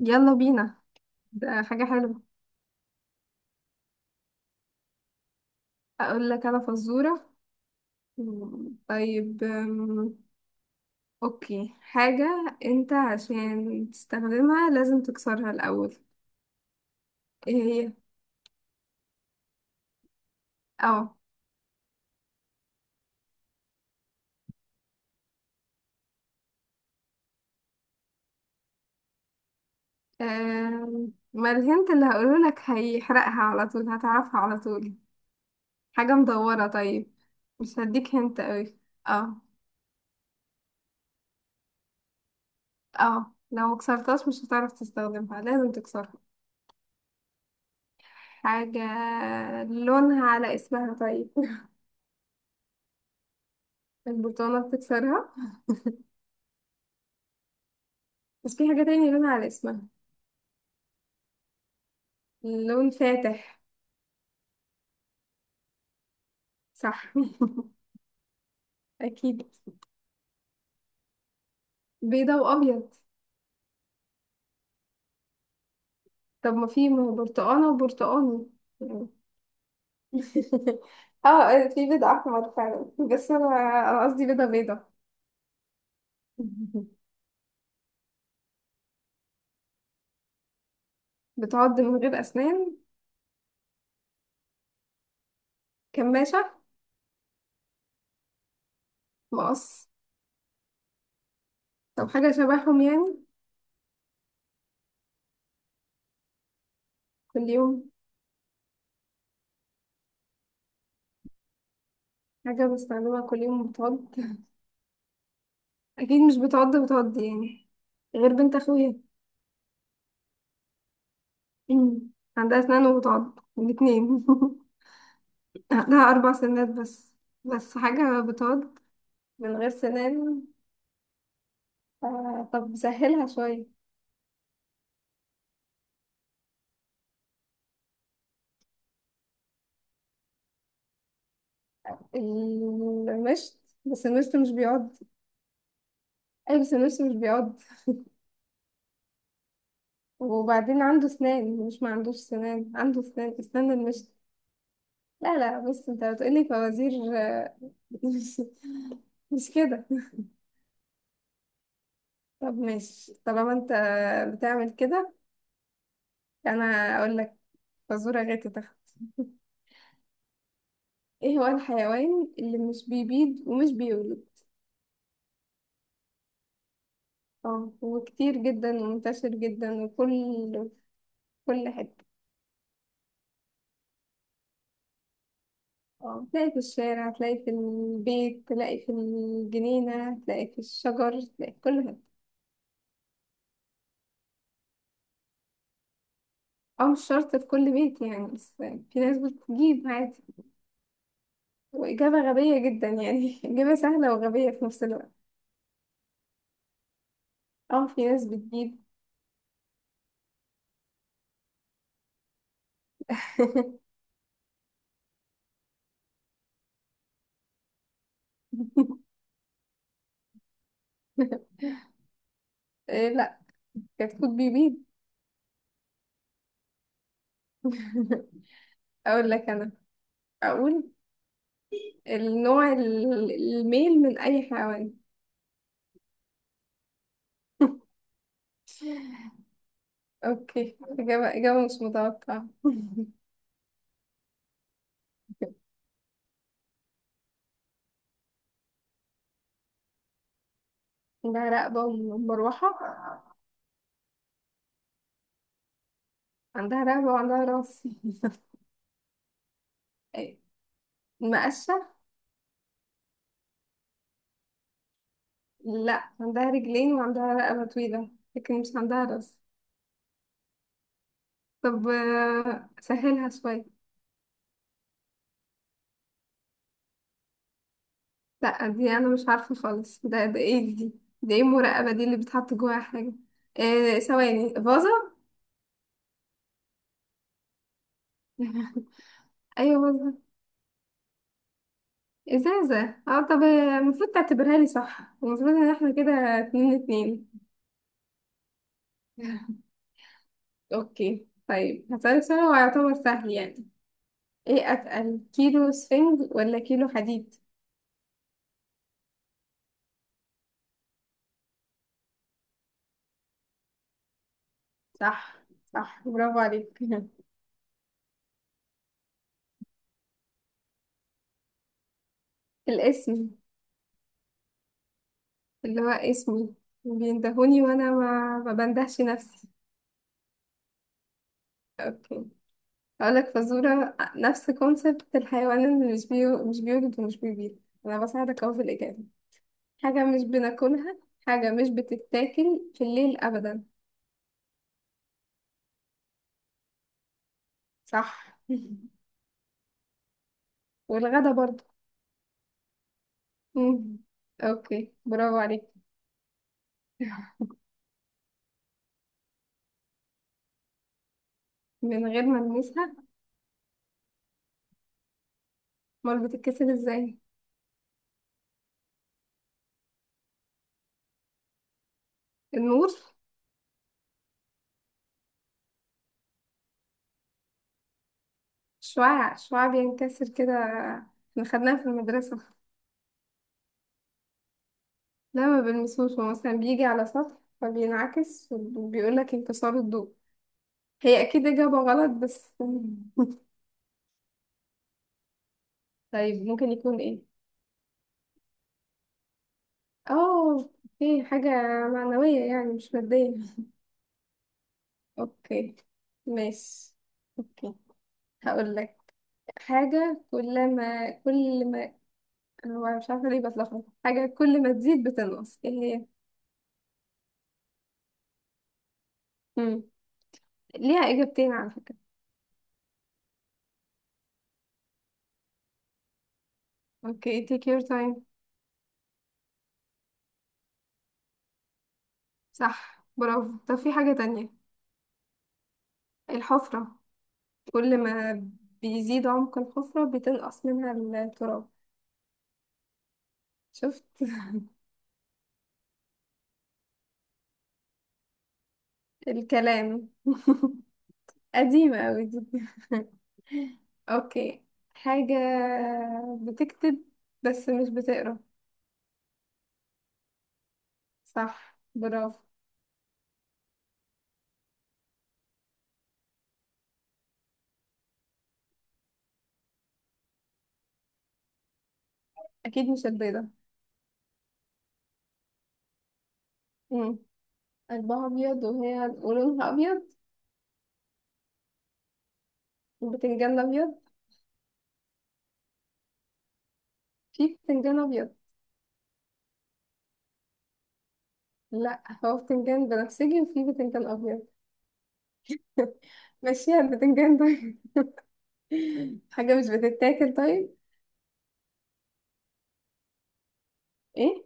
يلا بينا. ده حاجة حلوة. أقول لك أنا فزورة. طيب، أوكي، حاجة أنت عشان تستخدمها لازم تكسرها الأول. إيه هي؟ أه. ما الهنت اللي هقوله لك هيحرقها على طول، هتعرفها على طول. حاجة مدورة. طيب، مش هديك هنت أوي. اه. اه، لو مكسرتهاش مش هتعرف تستخدمها، لازم تكسرها. حاجة لونها على اسمها طيب البرتقالة بتكسرها. بس في حاجة تانية لون على اسمها. لون فاتح. صح. أكيد. بيضة وأبيض. طب ما في، ما هو برتقانة وبرتقاني يعني. اه، في بيضة أحمر فعلا، بس أنا قصدي بيضة بيضة. بتعض من غير أسنان. كماشة. مقص. طب حاجة شبههم يعني. كل يوم. حاجة بستخدمها كل يوم بتعض أكيد مش بتعض بتعض يعني، غير بنت أخويا. عندها أسنان وبتعض الاتنين عندها أربع سنات بس. بس حاجة بتقعد من غير سنان. ف- طب سهلها شوية. المشط. بس المشط مش بيقعد. أي، بس المشط مش بيقعد، وبعدين عنده سنان، مش ما عندوش سنان، عنده سنان، اسنان المشط. لا لا، بص انت بتقولي فوازير. آه، مش مش كده. طب ماشي، طالما انت بتعمل كده. انا اقول لك فزورة، غير تتخ ايه هو الحيوان اللي مش بيبيض ومش بيولد. اه، وكتير جدا ومنتشر جدا في كل حتة. اه، تلاقي في الشارع، تلاقي في البيت، تلاقي في الجنينة، تلاقي في الشجر، تلاقي في كل حتة. او مش شرط في كل بيت يعني، بس في ناس بتجيب عادي. وإجابة غبية جدا يعني إجابة سهلة وغبية في نفس الوقت. اه، في ناس بتجيب. إيه، لا، كتكوت بيبيض. اقول لك انا. اقول النوع الميل من اي حيوان. اوكي، إجابة إجابة مش متوقعة عندها رقبة ومروحة. عندها رقبة وعندها راس. إيه، مقشة. لا، عندها رجلين وعندها رقبة طويلة، لكن مش عندها راس. طب سهلها شوية. لا دي أنا مش عارفة خالص. ده ايه دي؟ ده ايه المراقبة دي اللي بتحط جواها حاجة؟ إيه، ثواني، فازة. أيوة، فازة. إزازة. اه طب، المفروض تعتبرها لي صح، المفروض إن احنا كده اتنين اتنين. اوكي، طيب هسألك سؤال هو يعتبر سهل يعني. ايه اتقل، كيلو سفنج ولا كيلو حديد؟ صح. صح، برافو عليك. الاسم، اللي هو اسمي بيندهوني وانا ما بندهش نفسي. اوكي، هقولك فزورة نفس كونسبت الحيوان اللي مش مش بيولد ومش بيبيض. انا بساعدك اهو في الاجابة. حاجة مش بناكلها، حاجة مش بتتاكل في الليل ابدا. صح. والغدا برضه. مم. اوكي، برافو عليك. من غير ما ألمسها. أمال بتتكسر إزاي؟ النور. شعاع، شعاع بينكسر كده. احنا خدناها في المدرسة. لا ما بلمسوش، هو مثلا بيجي على سطح فبينعكس وبيقولك انكسار الضوء. هي أكيد إجابة غلط بس. طيب، ممكن يكون إيه؟ اه. في حاجة معنوية يعني، مش مادية. اوكي. ماشي. اوكي، هقول لك. حاجة كل ما هو مش عارفة ليه بتلخبط. حاجة كل ما تزيد بتنقص، ايه هي؟ مم. ليها إجابتين على فكرة. اوكي، take your time. صح، برافو. طب في حاجة تانية. الحفرة. كل ما بيزيد عمق الحفرة بتنقص منها التراب. شفت. الكلام قديمة أوي دي. اوكي. حاجة بتكتب بس مش بتقرا. صح برافو. أكيد مش البيضة. مم. قلبها أبيض ولونها أبيض. وبتنجان أبيض. في بتنجان أبيض. لا، هو بتنجان بنفسجي، وفي بتنجان ابيض. ماشيها البتنجان طيب. حاجه مش بتتاكل طيب. ايه،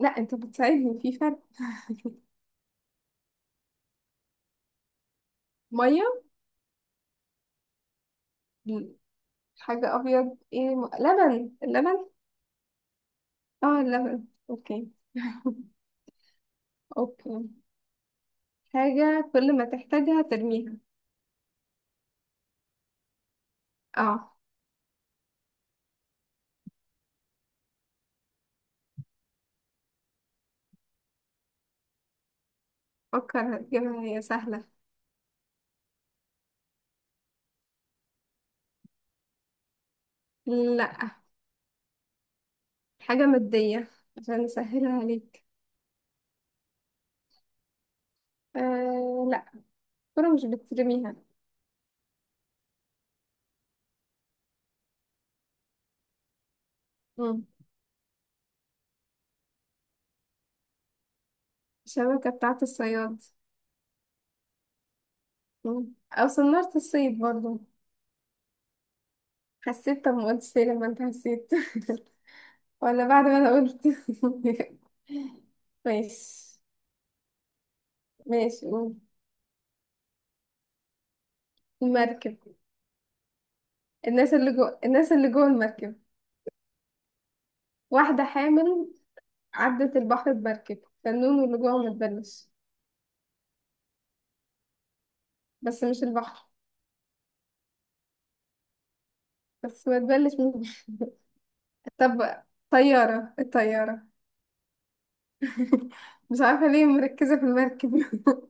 لا انت بتساعدني في فرق. ميه. مم. حاجه ابيض ايه، لبن، اللبن. اه، اللبن. اوكي اوكي، حاجه كل ما تحتاجها ترميها. اه، فكر، هتجيبها هي سهله. لا، حاجه ماديه عشان اسهلها عليك. آه لا، الكره مش بترميها. مم. الشبكه بتاعت الصياد. مم. او صنعت الصيد برضو. حسيت، طب ما قلتش ليه لما انت حسيت؟ ولا بعد ما انا قلت. ماشي. ماشي، قول. المركب. الناس اللي جوه المركب. واحدة حامل عدت البحر بمركب، فالنون واللي جوه ما تبلش. بس مش البحر. بس ما تبلش من البحر. طب الطيارة. مش عارفة ليه مركزة في المركب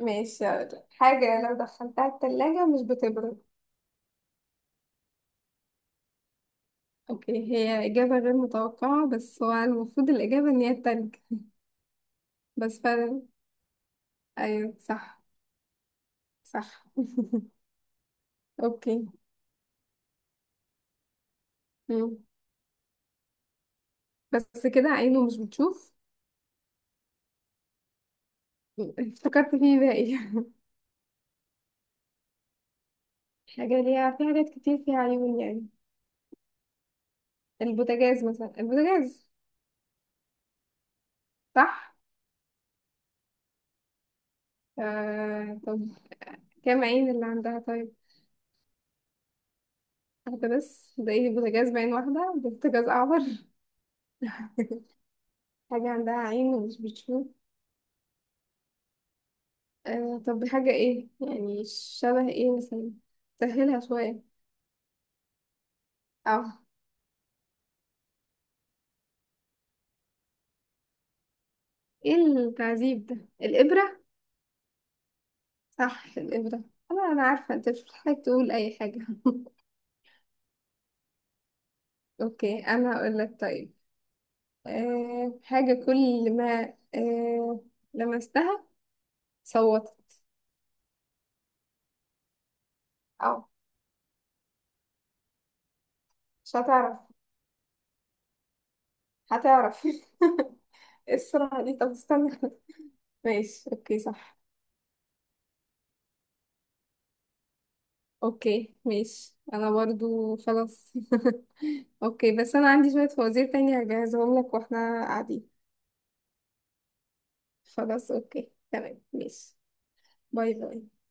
ماشي، هقولك. حاجة لو دخلتها التلاجة مش بتبرد. اوكي، هي إجابة غير متوقعة، بس هو المفروض الإجابة إن هي التلج. بس فعلا. أيوة صح. صح. اوكي. مم. بس كده عينه مش بتشوف. افتكرت فيه باقي. حاجة ليها، في حاجات كتير فيها عيون يعني. البوتاجاز، مثلا البوتاجاز. صح. طب كام عين اللي عندها طيب؟ واحدة بس؟ ده ايه بوتاجاز بعين واحدة؟ ده بوتاجاز أعور حاجة عندها عين ومش بتشوف. طب حاجة ايه يعني؟ شبه ايه مثلا؟ سهلها شوية. اه، ايه التعذيب ده؟ الإبرة. صح الإبرة. انا عارفة انت مش محتاج تقول اي حاجة اوكي، انا هقول لك. طيب، حاجة كل ما لمستها صوتت. اه، مش هتعرف. هتعرف إيه السرعة دي؟ طب استنى. ماشي. اوكي، صح. اوكي، ماشي، انا برضو خلاص. اوكي، بس انا عندي شوية فوازير تانية هجهزهم لك واحنا قاعدين. خلاص، اوكي، تمام، ماشي. باي باي.